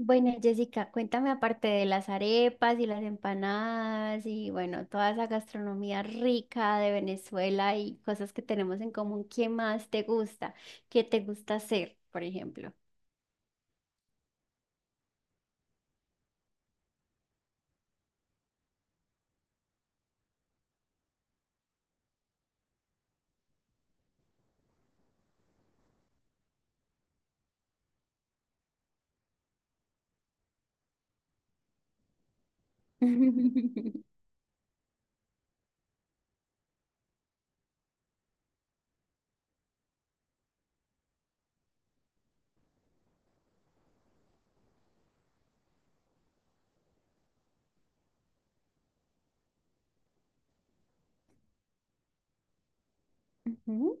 Bueno, Jessica, cuéntame aparte de las arepas y las empanadas y bueno, toda esa gastronomía rica de Venezuela y cosas que tenemos en común, ¿qué más te gusta? ¿Qué te gusta hacer, por ejemplo? Ujú.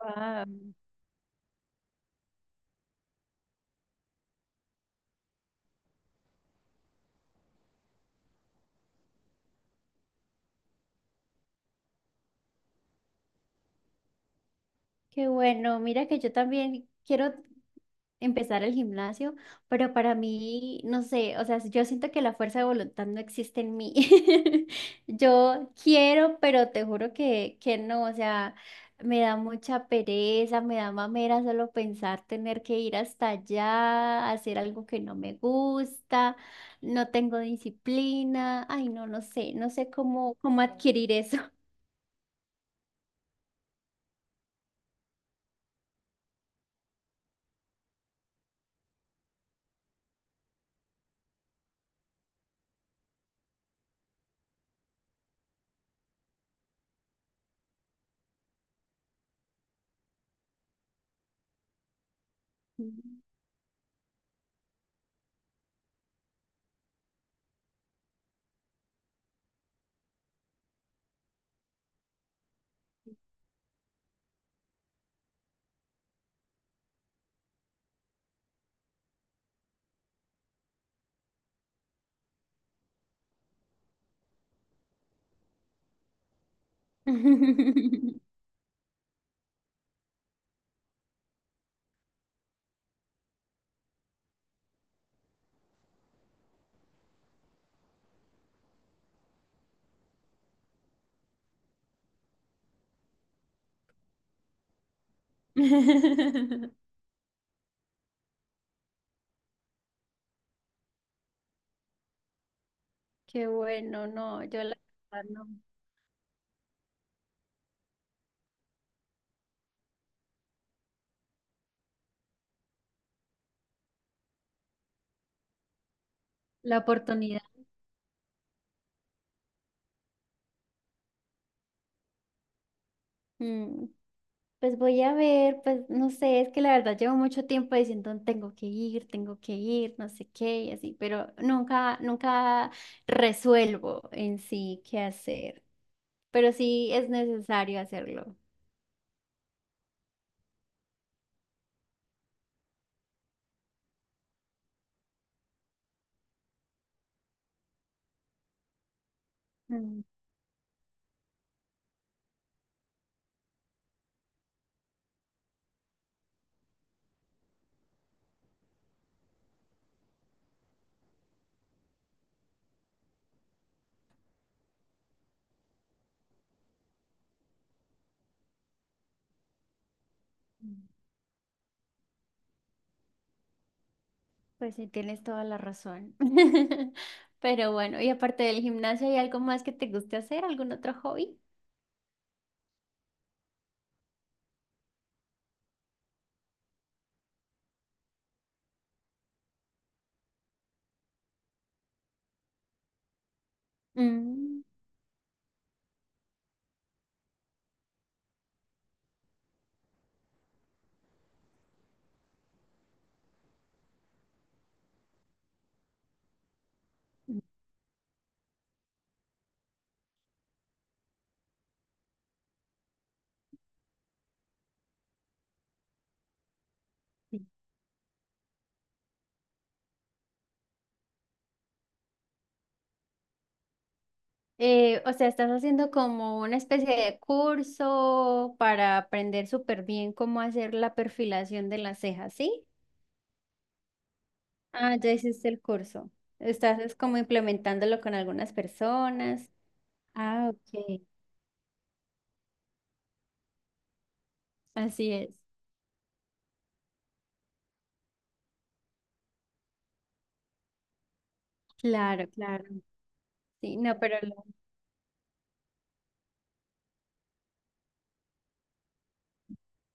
Wow. Qué bueno, mira que yo también quiero empezar el gimnasio, pero para mí, no sé, o sea, yo siento que la fuerza de voluntad no existe en mí. Yo quiero, pero te juro que no, o sea, me da mucha pereza, me da mamera solo pensar tener que ir hasta allá, hacer algo que no me gusta, no tengo disciplina, ay, no, no sé, no sé cómo, cómo adquirir eso. Qué bueno, no, yo la verdad no. La oportunidad. Mm, Pues voy a ver, pues no sé, es que la verdad llevo mucho tiempo diciendo tengo que ir, no sé qué y así, pero nunca, nunca resuelvo en sí qué hacer, pero sí es necesario hacerlo. Mm. Pues sí, tienes toda la razón. Pero bueno, y aparte del gimnasio, ¿hay algo más que te guste hacer? ¿Algún otro hobby? Mm. O sea, estás haciendo como una especie de curso para aprender súper bien cómo hacer la perfilación de las cejas, ¿sí? Ah, ya hiciste el curso. Estás es como implementándolo con algunas personas. Ah, ok. Así es. Claro, claro. Sí, no, pero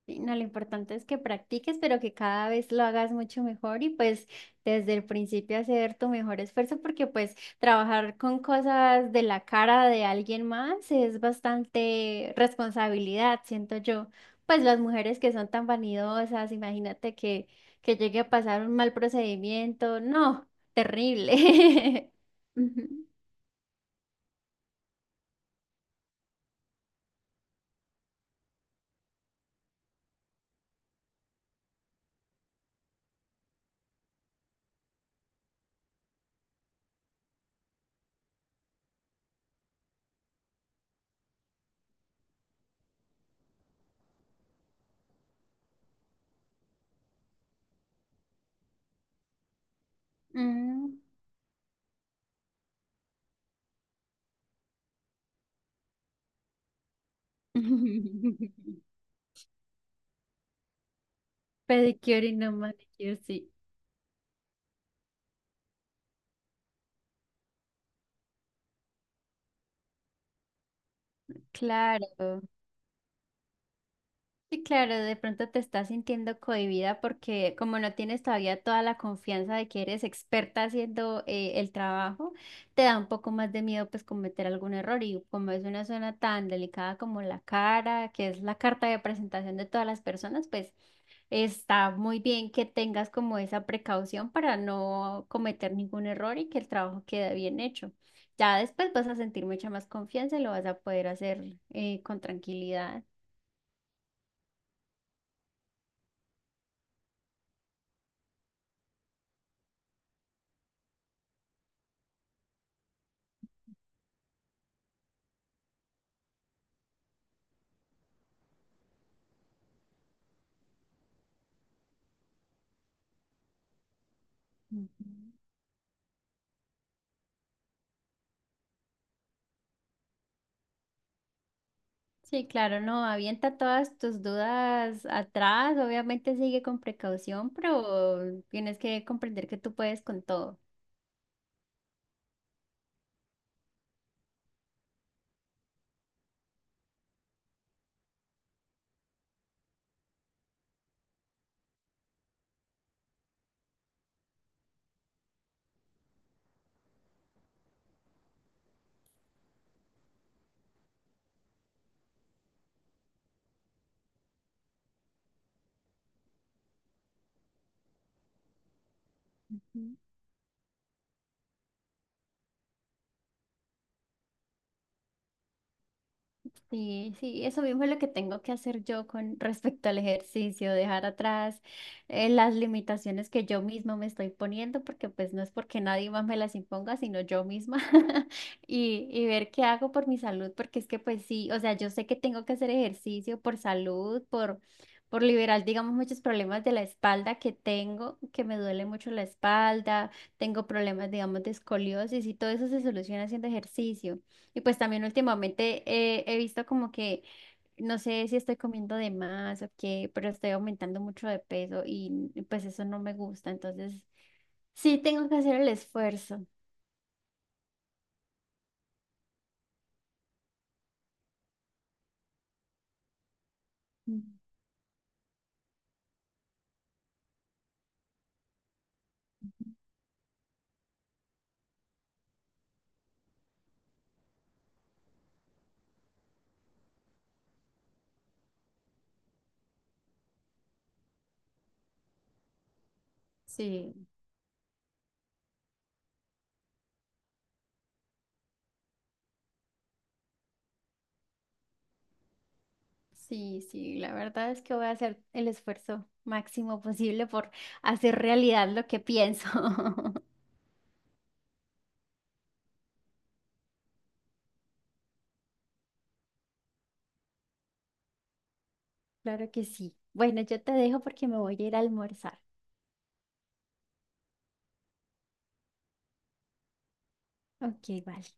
sí, no, lo importante es que practiques, pero que cada vez lo hagas mucho mejor y pues desde el principio hacer tu mejor esfuerzo porque pues trabajar con cosas de la cara de alguien más es bastante responsabilidad, siento yo. Pues las mujeres que son tan vanidosas, imagínate que llegue a pasar un mal procedimiento, no, terrible. Ujú. Mm. Pedicure y no manicure, sí, claro. Sí, claro, de pronto te estás sintiendo cohibida porque como no tienes todavía toda la confianza de que eres experta haciendo el trabajo, te da un poco más de miedo pues cometer algún error y como es una zona tan delicada como la cara, que es la carta de presentación de todas las personas, pues está muy bien que tengas como esa precaución para no cometer ningún error y que el trabajo quede bien hecho. Ya después vas a sentir mucha más confianza y lo vas a poder hacer con tranquilidad. Ujú. Sí, claro, no, avienta todas tus dudas atrás, obviamente sigue con precaución, pero tienes que comprender que tú puedes con todo. Sí, sí, eso mismo es lo que tengo que hacer yo con respecto al ejercicio, dejar atrás las limitaciones que yo misma me estoy poniendo, porque pues no es porque nadie más me las imponga, sino yo misma, y ver qué hago por mi salud, porque es que pues sí, o sea, yo sé que tengo que hacer ejercicio por salud, por liberar, digamos, muchos problemas de la espalda que tengo, que me duele mucho la espalda, tengo problemas, digamos, de escoliosis y todo eso se soluciona haciendo ejercicio. Y pues también últimamente he visto como que, no sé si estoy comiendo de más o qué, pero estoy aumentando mucho de peso y pues eso no me gusta. Entonces, sí tengo que hacer el esfuerzo. Mm. Sí, sí, sí. La verdad es que voy a hacer el esfuerzo máximo posible por hacer realidad lo que pienso. Claro que sí. Bueno, yo te dejo porque me voy a ir a almorzar. Ok, vale.